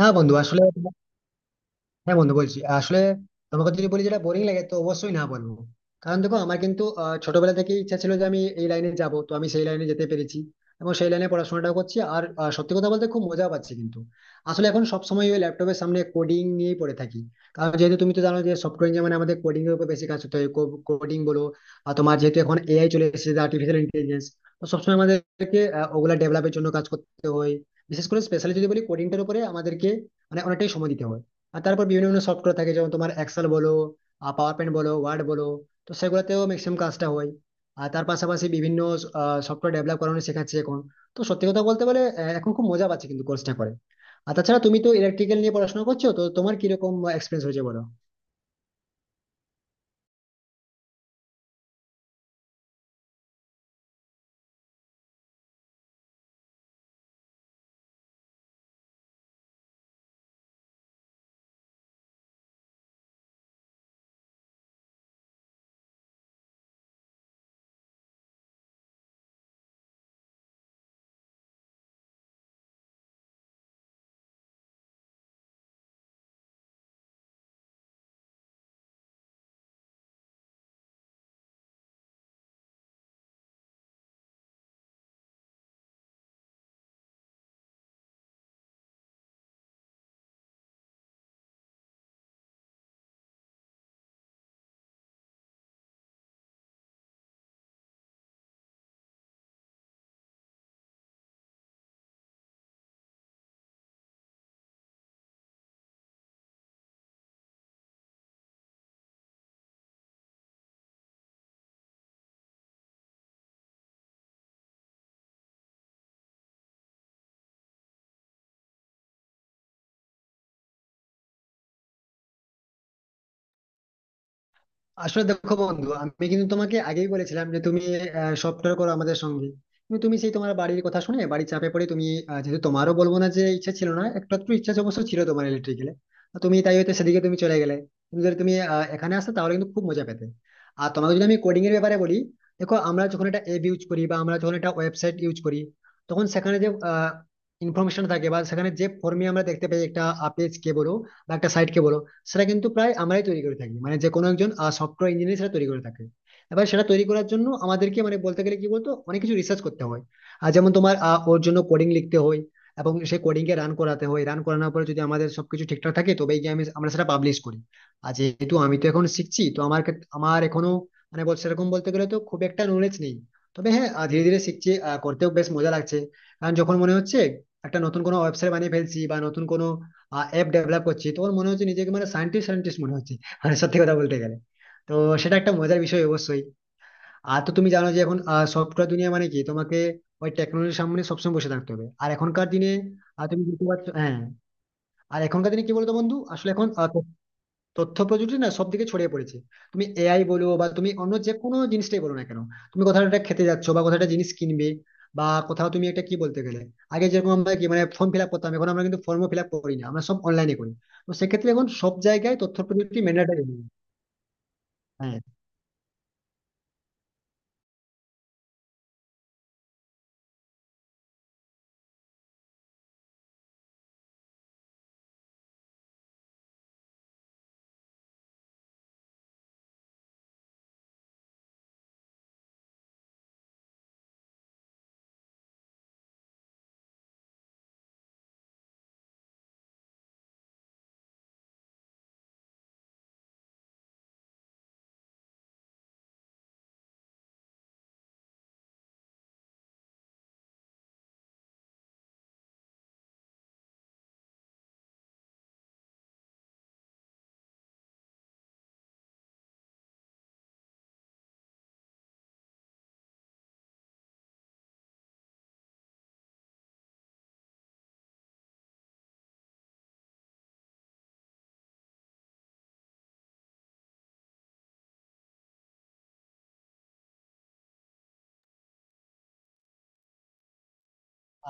না, বন্ধু, আসলে হ্যাঁ বন্ধু, বলছি আসলে তোমাকে যদি বলি যেটা বোরিং লাগে তো অবশ্যই না বলবো। কারণ দেখো, আমার কিন্তু ছোটবেলা থেকে ইচ্ছা ছিল যে আমি এই লাইনে যাব, তো আমি সেই লাইনে যেতে পেরেছি। এবং সেই লাইনে পড়াশোনাটাও করছি। আর সত্যি কথা বলতে খুব মজা পাচ্ছি, কিন্তু আসলে এখন সবসময় ওই ল্যাপটপের সামনে কোডিং নিয়েই পড়ে থাকি। কারণ যেহেতু তুমি তো জানো যে সফটওয়্যার ইঞ্জিনিয়ার মানে আমাদের কোডিং এর উপর বেশি কাজ করতে হয়। কোডিং বলো আর তোমার, যেহেতু এখন এআই চলে এসেছে, আর্টিফিশিয়াল ইন্টেলিজেন্স, তো সবসময় আমাদেরকে ওগুলা ডেভেলপের জন্য কাজ করতে হয়। বিশেষ করে স্পেশালি যদি বলি কোডিংটার উপরে আমাদেরকে মানে অনেকটাই সময় দিতে হয়। আর তারপর বিভিন্ন বিভিন্ন সফটওয়্যার থাকে, যেমন তোমার এক্সেল বলো, পাওয়ার পয়েন্ট বলো, ওয়ার্ড বলো, তো সেগুলোতেও ম্যাক্সিমাম কাজটা হয়। আর তার পাশাপাশি বিভিন্ন সফটওয়্যার ডেভেলপ করানো শেখাচ্ছে এখন। তো সত্যি কথা বলতে বলে এখন খুব মজা পাচ্ছে কিন্তু কোর্সটা করে। আর তাছাড়া তুমি তো ইলেকট্রিক্যাল নিয়ে পড়াশোনা করছো, তো তোমার কিরকম এক্সপিরিয়েন্স হয়েছে বলো। আসলে দেখো বন্ধু, আমি কিন্তু তোমাকে আগেই বলেছিলাম যে তুমি সফটওয়্যার করো আমাদের সঙ্গে। কিন্তু তুমি সেই তোমার বাড়ির কথা শুনে, বাড়ির চাপে পড়ে তুমি যেহেতু, তোমারও বলবো না যে ইচ্ছা ছিল না, একটু একটু ইচ্ছা অবশ্য ছিল তোমার ইলেকট্রিক্যালে। তুমি তাই হয়তো সেদিকে তুমি চলে গেলে। তুমি যদি এখানে আসতে তাহলে কিন্তু খুব মজা পেতে। আর তোমাকে যদি আমি কোডিং এর ব্যাপারে বলি, দেখো, আমরা যখন একটা অ্যাপ ইউজ করি বা আমরা যখন একটা ওয়েবসাইট ইউজ করি, তখন সেখানে যে ইনফরমেশন থাকে বা সেখানে যে ফর্মে আমরা দেখতে পাই, একটা পেজ কে বলো বা একটা সাইট কে বলো, সেটা কিন্তু প্রায় আমরাই তৈরি করে থাকি, মানে যে কোনো একজন সফটওয়্যার ইঞ্জিনিয়ার সেটা তৈরি করে থাকে। এবার সেটা তৈরি করার জন্য আমাদেরকে মানে বলতে গেলে কি বলতো, অনেক কিছু রিসার্চ করতে হয়। আর যেমন তোমার ওর জন্য কোডিং লিখতে হয় এবং সেই কোডিং কে রান করাতে হয়। রান করানোর পরে যদি আমাদের সবকিছু ঠিকঠাক থাকে তবেই গিয়ে আমরা সেটা পাবলিশ করি। আর যেহেতু আমি তো এখন শিখছি, তো আমার আমার এখনো মানে বল, সেরকম বলতে গেলে তো খুব একটা নলেজ নেই। তবে হ্যাঁ, ধীরে ধীরে শিখছি, করতেও বেশ মজা লাগছে। কারণ যখন মনে হচ্ছে একটা নতুন কোনো ওয়েবসাইট বানিয়ে ফেলছি বা নতুন কোনো অ্যাপ ডেভেলপ করছি, তো ওর মনে হচ্ছে নিজেকে মানে সায়েন্টিস্ট সায়েন্টিস্ট মনে হচ্ছে, মানে সত্যি কথা বলতে গেলে। তো সেটা একটা মজার বিষয় অবশ্যই। আর তো তুমি জানো যে এখন সফটওয়্যার দুনিয়া মানে কি, তোমাকে ওই টেকনোলজির সামনে সবসময় বসে থাকতে হবে আর এখনকার দিনে। আর তুমি বুঝতে পারছো, হ্যাঁ। আর এখনকার দিনে কি বলতো বন্ধু, আসলে এখন তথ্য প্রযুক্তি না সব দিকে ছড়িয়ে পড়েছে। তুমি এআই বলো বা তুমি অন্য যে কোনো জিনিসটাই বলো না কেন, তুমি কোথাও একটা খেতে যাচ্ছ বা কোথাও একটা জিনিস কিনবে বা কোথাও তুমি একটা কি বলতে গেলে, আগে যেরকম আমরা কি মানে ফর্ম ফিল আপ করতাম, এখন আমরা কিন্তু ফর্ম ফিল আপ করি না, আমরা সব অনলাইনে করি। তো সেক্ষেত্রে এখন সব জায়গায় তথ্য প্রযুক্তি ম্যান্ডেটরি। হ্যাঁ।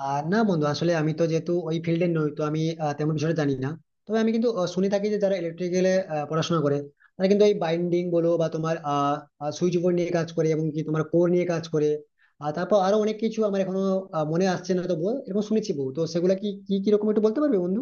না বন্ধু, আসলে আমি তো যেহেতু ওই ফিল্ডে নই, তো আমি তেমন বিষয়টা জানি না। তবে আমি কিন্তু শুনে থাকি যে যারা ইলেকট্রিক্যালে পড়াশোনা করে, তারা কিন্তু এই বাইন্ডিং বলো বা তোমার সুইচ বোর্ড নিয়ে কাজ করে এবং কি তোমার কোর নিয়ে কাজ করে। আর তারপর আরো অনেক কিছু আমার এখনো মনে আসছে না, তো বল এরকম শুনেছি বহু, তো সেগুলা কি কি কিরকম একটু বলতে পারবে বন্ধু।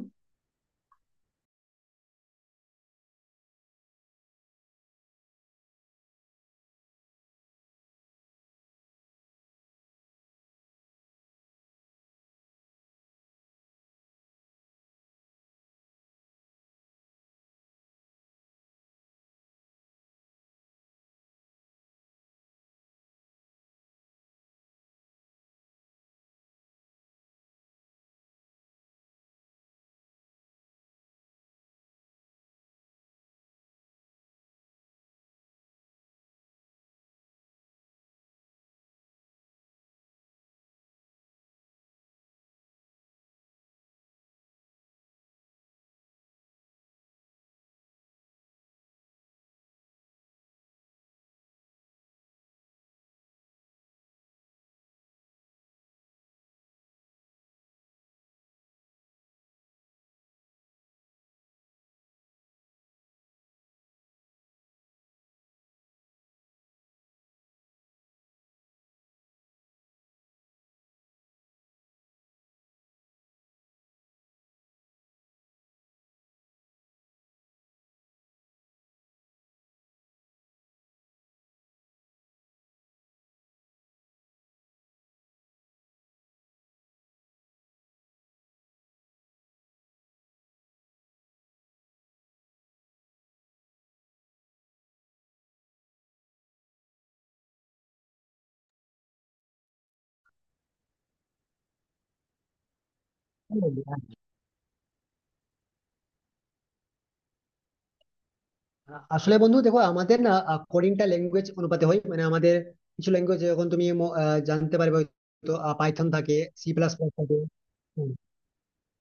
আসলে বন্ধু দেখো, আমাদের না কোডিংটা ল্যাঙ্গুয়েজ অনুপাতে হয়, মানে আমাদের কিছু ল্যাঙ্গুয়েজ যখন তুমি জানতে পারবে হয়তো। পাইথন থাকে, সি প্লাস প্লাস থাকে,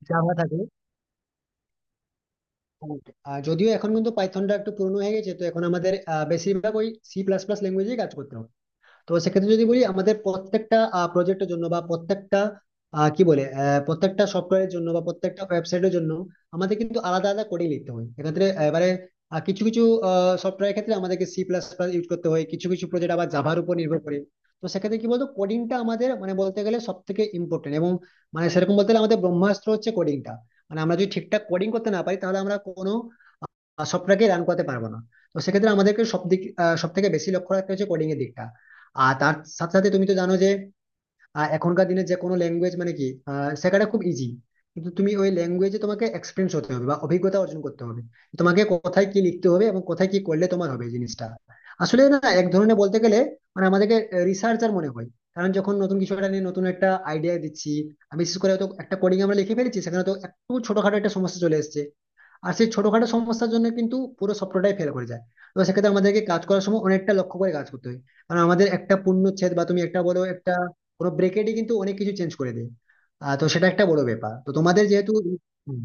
জাভা থাকে। আর যদিও এখন কিন্তু পাইথনটা একটু পুরনো হয়ে গেছে, তো এখন আমাদের বেশিরভাগ ওই সি প্লাস প্লাস ল্যাঙ্গুয়েজে কাজ করতে হবে। তো সেক্ষেত্রে যদি বলি আমাদের প্রত্যেকটা প্রজেক্টের জন্য বা প্রত্যেকটা কি বলে প্রত্যেকটা সফটওয়্যারের জন্য বা প্রত্যেকটা ওয়েবসাইটের জন্য আমাদের কিন্তু আলাদা আলাদা কোডিং লিখতে হয়। এক্ষেত্রে এবারে কিছু কিছু সফটওয়্যারের ক্ষেত্রে আমাদেরকে সি প্লাস প্লাস ইউজ করতে হয়, কিছু কিছু প্রজেক্ট আবার জাভার উপর নির্ভর করে। তো সেক্ষেত্রে কি বলতো, কোডিংটা আমাদের মানে বলতে গেলে সব থেকে ইম্পর্টেন্ট, এবং মানে সেরকম বলতে গেলে আমাদের ব্রহ্মাস্ত্র হচ্ছে কোডিংটা। মানে আমরা যদি ঠিকঠাক কোডিং করতে না পারি তাহলে আমরা কোনো সবটাকে রান করাতে পারবো না। তো সেক্ষেত্রে আমাদেরকে সব দিক সব থেকে বেশি লক্ষ্য রাখতে হচ্ছে কোডিং এর দিকটা। আর তার সাথে সাথে তুমি তো জানো যে এখনকার দিনে যে কোনো ল্যাঙ্গুয়েজ মানে কি শেখাটা খুব ইজি। কিন্তু তুমি ওই ল্যাঙ্গুয়েজে তোমাকে এক্সপিরিয়েন্স হতে হবে বা অভিজ্ঞতা অর্জন করতে হবে। তোমাকে কোথায় কি লিখতে হবে এবং কোথায় কি করলে তোমার হবে, এই জিনিসটা আসলে না এক ধরনের বলতে গেলে মানে আমাদেরকে রিসার্চার মনে হয়। কারণ যখন নতুন কিছু একটা নিয়ে নতুন একটা আইডিয়া দিচ্ছি, আর বিশেষ করে হয়তো একটা কোডিং আমরা লিখে ফেলেছি, সেখানে তো একটু ছোটখাটো একটা সমস্যা চলে এসেছে। আর সেই ছোটখাটো সমস্যার জন্য কিন্তু পুরো সফটওয়্যারটাই ফেল করে যায়। তো সেক্ষেত্রে আমাদেরকে কাজ করার সময় অনেকটা লক্ষ্য করে কাজ করতে হয়। কারণ আমাদের একটা পূর্ণচ্ছেদ বা তুমি একটা বলো একটা কোনো ব্রেকেটই কিন্তু অনেক কিছু চেঞ্জ করে দেয়। তো সেটা একটা বড় ব্যাপার, তো তোমাদের যেহেতু। হুম।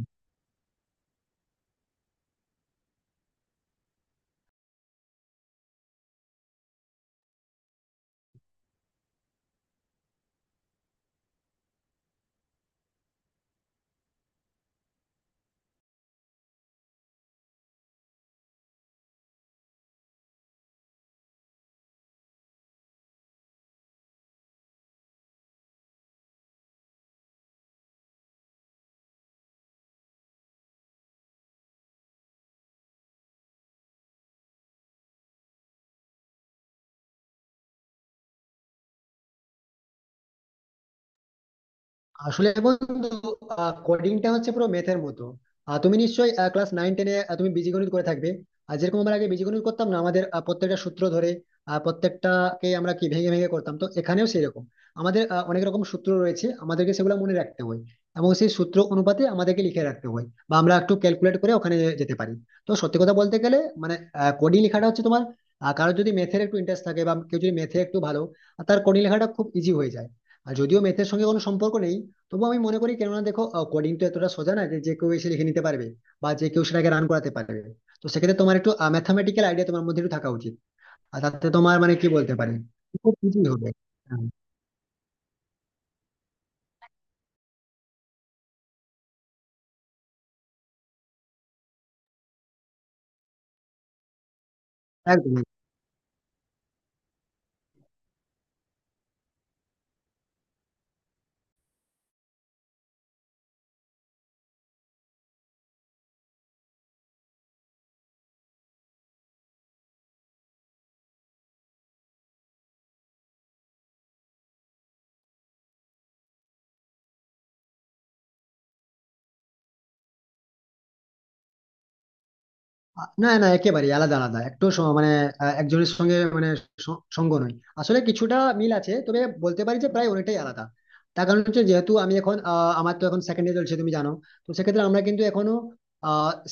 আসলে বন্ধু, কোডিংটা হচ্ছে পুরো ম্যাথের মতো। তুমি নিশ্চয়ই ক্লাস নাইন টেনে তুমি বীজগণিত করে থাকবে। আর যেরকম আমরা আগে বীজগণিত করতাম না, আমাদের প্রত্যেকটা সূত্র ধরে প্রত্যেকটাকে আমরা কি ভেঙে ভেঙে করতাম, তো এখানেও সেরকম। আমাদের অনেক রকম সূত্র রয়েছে, আমাদেরকে সেগুলো মনে রাখতে হয় এবং সেই সূত্র অনুপাতে আমাদেরকে লিখে রাখতে হয় বা আমরা একটু ক্যালকুলেট করে ওখানে যেতে পারি। তো সত্যি কথা বলতে গেলে মানে কোডিং লেখাটা হচ্ছে তোমার, কারোর যদি ম্যাথের একটু ইন্টারেস্ট থাকে বা কেউ যদি ম্যাথে একটু ভালো, তার কোডিং লেখাটা খুব ইজি হয়ে যায়। আর যদিও ম্যাথের সঙ্গে কোনো সম্পর্ক নেই, তবুও আমি মনে করি, কেননা দেখো, কোডিং তো এতটা সোজা না যে যে কেউ এসে লিখে নিতে পারবে বা যে কেউ সেটাকে রান করাতে পারবে। তো সেক্ষেত্রে তোমার একটু ম্যাথামেটিক্যাল আইডিয়া তোমার মধ্যে একটু থাকা উচিত। আর তাতে তোমার মানে কি বলতে পারে, খুব ইজি হবে। হ্যাঁ, একদম। না, না, একেবারে আলাদা আলাদা, একটু মানে একজনের সঙ্গে মানে সঙ্গ নয়, আসলে কিছুটা মিল আছে, তবে বলতে পারি যে প্রায় অনেকটাই আলাদা। তার কারণ হচ্ছে যেহেতু আমি এখন আমার তো এখন সেকেন্ড ইয়ার চলছে তুমি জানো। তো সেক্ষেত্রে আমরা কিন্তু এখনো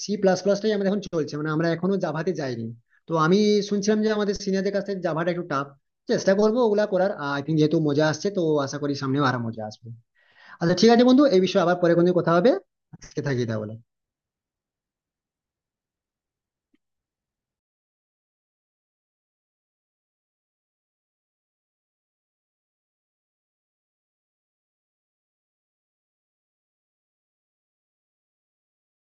সি প্লাস প্লাসটাই আমাদের এখন চলছে, মানে আমরা এখনো জাভাতে যাইনি। তো আমি শুনছিলাম যে আমাদের সিনিয়রদের কাছ থেকে জাভাটা একটু টাফ। চেষ্টা করবো ওগুলা করার, আই থিঙ্ক যেহেতু মজা আসছে, তো আশা করি সামনেও আরো মজা আসবে। আচ্ছা ঠিক আছে বন্ধু, এই বিষয়ে আবার পরে কোনো কথা হবে, আজকে থাকি তাহলে।